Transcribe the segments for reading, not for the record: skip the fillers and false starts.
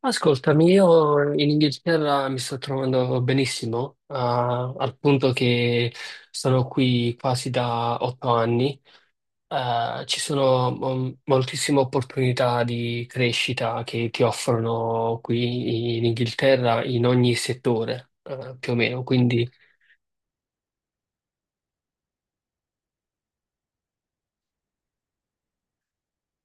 Ascoltami, io in Inghilterra mi sto trovando benissimo, ah, al punto che sono qui quasi da otto anni. Ci sono moltissime opportunità di crescita che ti offrono qui in Inghilterra in ogni settore, più o meno. Quindi,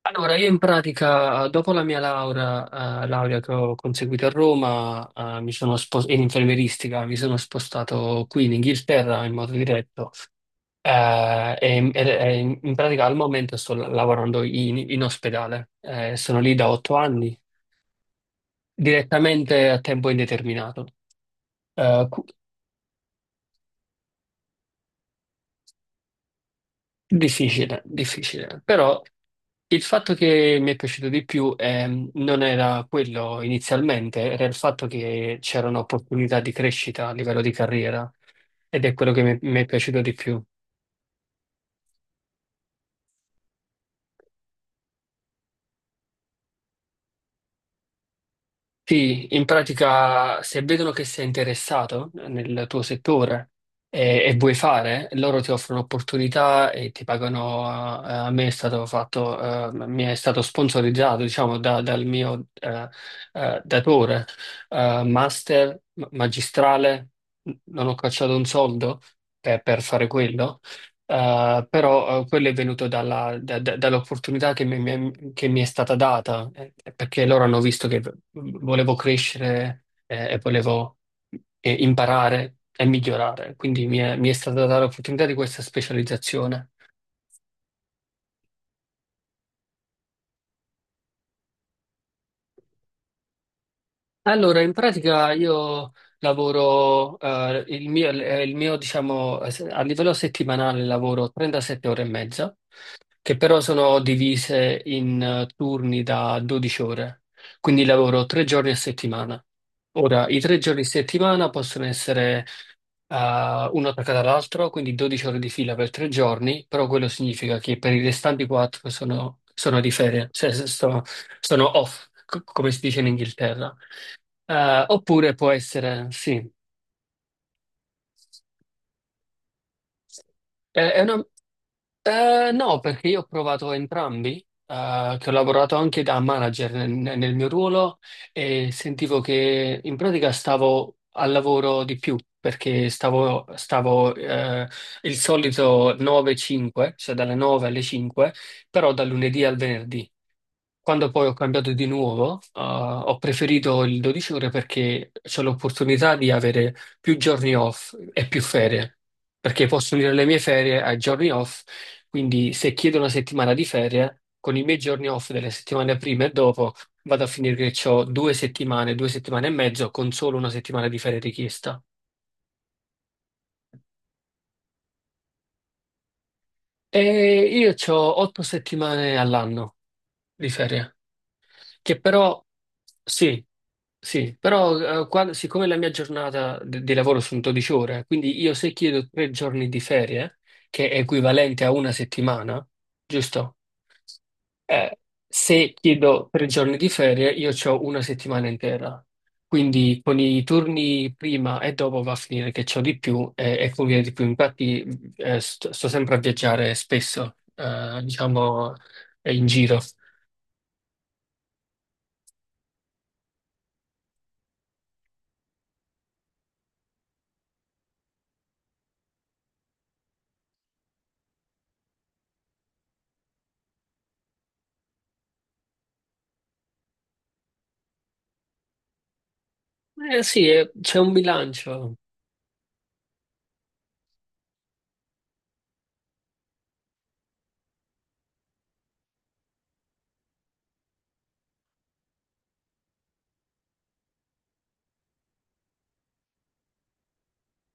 allora, io in pratica, dopo la mia laurea, laurea che ho conseguito a Roma, in infermieristica, mi sono spostato qui in Inghilterra in modo diretto. In pratica al momento sto lavorando in ospedale. Sono lì da otto anni, direttamente a tempo indeterminato. Eh, cu- Difficile, difficile, però il fatto che mi è piaciuto di più non era quello inizialmente, era il fatto che c'erano opportunità di crescita a livello di carriera ed è quello che mi è piaciuto di più. Sì, in pratica se vedono che sei interessato nel tuo settore e vuoi fare, loro ti offrono opportunità e ti pagano. A me è stato fatto, mi è stato sponsorizzato, diciamo, dal mio datore, master, magistrale, non ho cacciato un soldo per fare quello. Però Quello è venuto dall'opportunità che mi è stata data, perché loro hanno visto che volevo crescere e volevo imparare e migliorare, quindi mi è stata data l'opportunità di questa specializzazione. Allora, in pratica io lavoro, il mio, diciamo, a livello settimanale lavoro 37 ore e mezza che però sono divise in turni da 12 ore, quindi lavoro tre giorni a settimana. Ora, i tre giorni a settimana possono essere uno attaccato all'altro, quindi 12 ore di fila per tre giorni, però quello significa che per i restanti quattro sono di ferie, cioè se sto- sono off, come si dice in Inghilterra. Oppure può essere, sì. Eh, è una- no, perché io ho provato entrambi, che ho lavorato anche da manager nel mio ruolo e sentivo che in pratica stavo al lavoro di più perché il solito 9-5, cioè dalle 9 alle 5, però dal lunedì al venerdì. Quando poi ho cambiato di nuovo, ho preferito il 12 ore perché c'ho l'opportunità di avere più giorni off e più ferie, perché posso unire le mie ferie ai giorni off, quindi se chiedo una settimana di ferie, con i miei giorni off delle settimane prima e dopo, vado a finire che ho due settimane e mezzo con solo una settimana di ferie richiesta. E io ho otto settimane all'anno di ferie. Che però, sì, sì, però siccome la mia giornata di lavoro sono 12 ore, quindi io se chiedo tre giorni di ferie, che è equivalente a una settimana, giusto? Eh, se chiedo tre giorni di ferie, io ho una settimana intera. Quindi con i turni prima e dopo va a finire che c'ho di più e conviene di più. Infatti sto sempre a viaggiare spesso, diciamo, in giro. Eh sì, c'è un bilancio.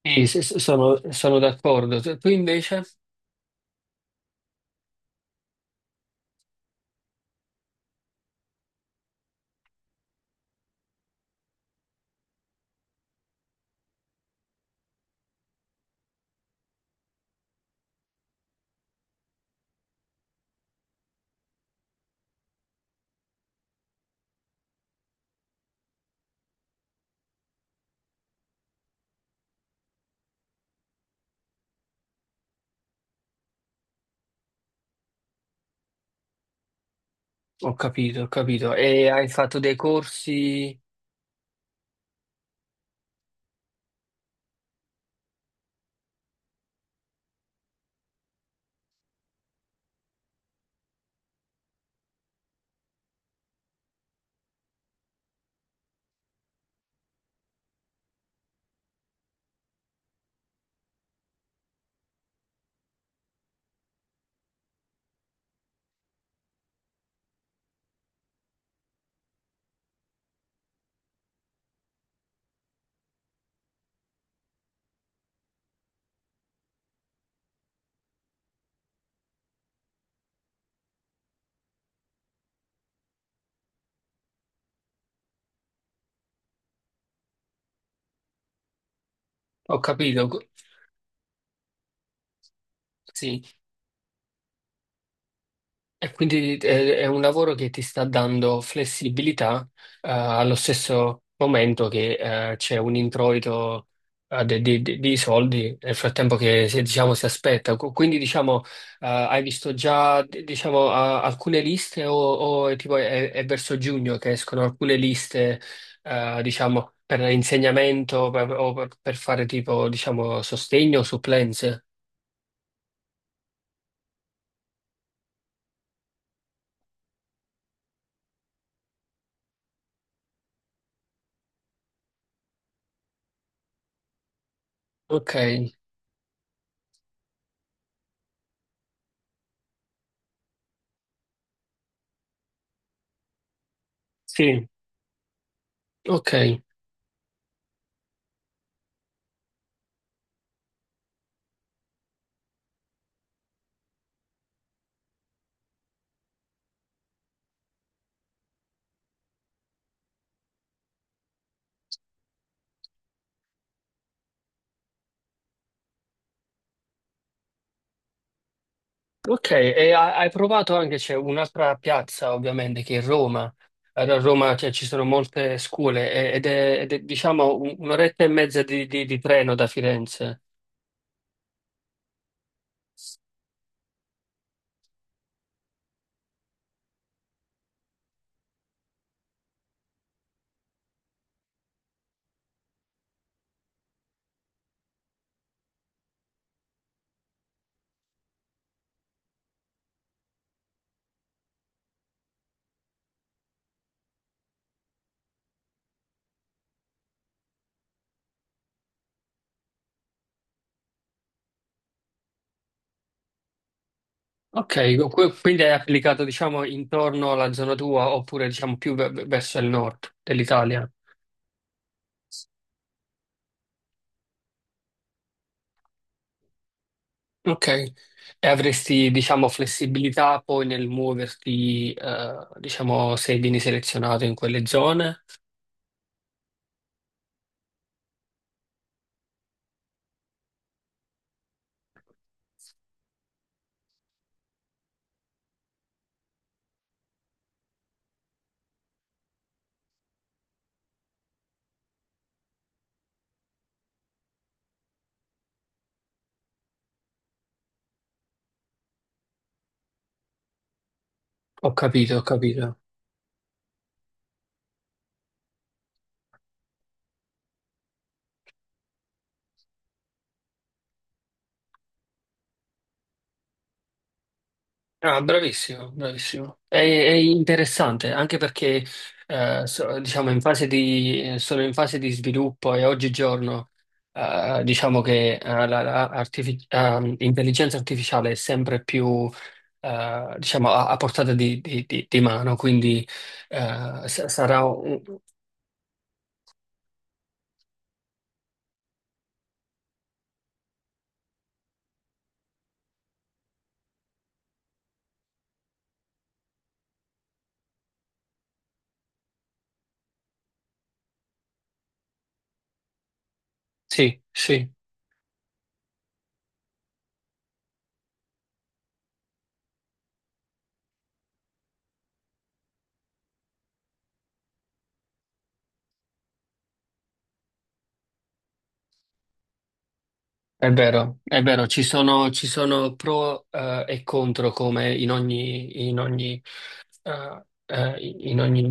Sì, sono d'accordo. Tu invece? Ho capito, ho capito. E hai fatto dei corsi? Ho capito. Sì, e quindi è un lavoro che ti sta dando flessibilità, allo stesso momento che c'è un introito di soldi nel frattempo che si, diciamo, si aspetta. Quindi diciamo, hai visto già diciamo, alcune liste o è, tipo, è verso giugno che escono alcune liste diciamo, per insegnamento o per fare tipo diciamo, sostegno o supplenze? Ok, sì, ok. Ok, e hai provato anche, c'è un'altra piazza ovviamente che è Roma. A Roma cioè, ci sono molte scuole ed è, diciamo un'oretta e mezza di, di treno da Firenze. Ok, quindi hai applicato diciamo intorno alla zona tua oppure diciamo più verso il nord dell'Italia. Ok, e avresti diciamo flessibilità poi nel muoverti diciamo se vieni selezionato in quelle zone? Ho capito, ho capito. Ah, bravissimo, bravissimo. È interessante anche perché diciamo in fase di, sono in fase di sviluppo e oggigiorno diciamo che la intelligenza artificiale è sempre più diciamo, a portata di, di mano, quindi sarà un... Sì, sì. È vero, ci sono pro, e contro come in ogni, in ogni, eh, eh, in ogni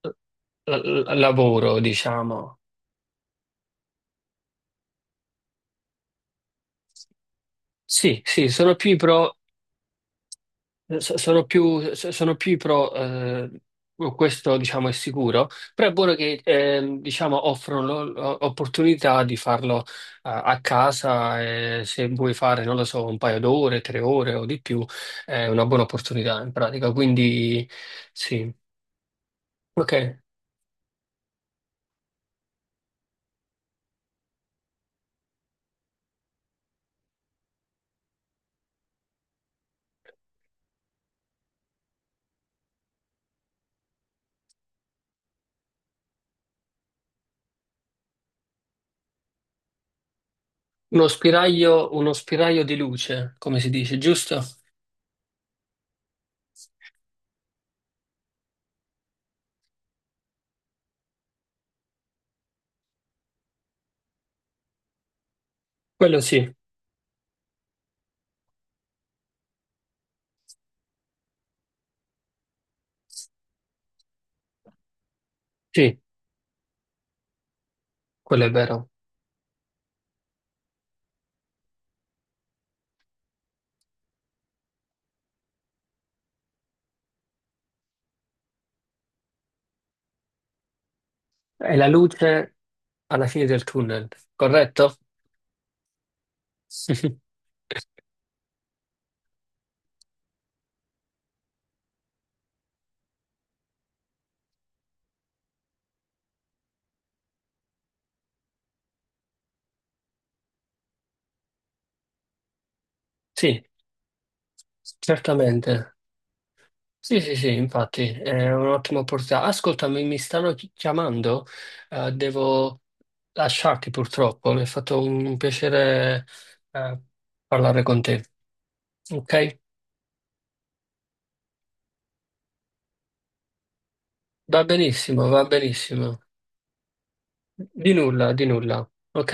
eh, l- lavoro, diciamo. Sì, sì, sono più i pro. Sono più, sono più i pro, questo diciamo è sicuro, però è buono che diciamo, offrono l'opportunità di farlo a casa, se vuoi fare, non lo so, un paio d'ore, tre ore o di più, è una buona opportunità in pratica. Quindi sì, ok, uno spiraglio di luce, come si dice, giusto? Quello sì, sì, quello è vero. È la luce alla fine del tunnel, corretto? Sì. Certamente. Sì, sì, sì, infatti è un'ottima opportunità. Ascoltami, mi stanno chiamando, devo lasciarti purtroppo. Mi è fatto un piacere, eh, parlare con te. Ok? Va benissimo, va benissimo. Di nulla, di nulla. Ok?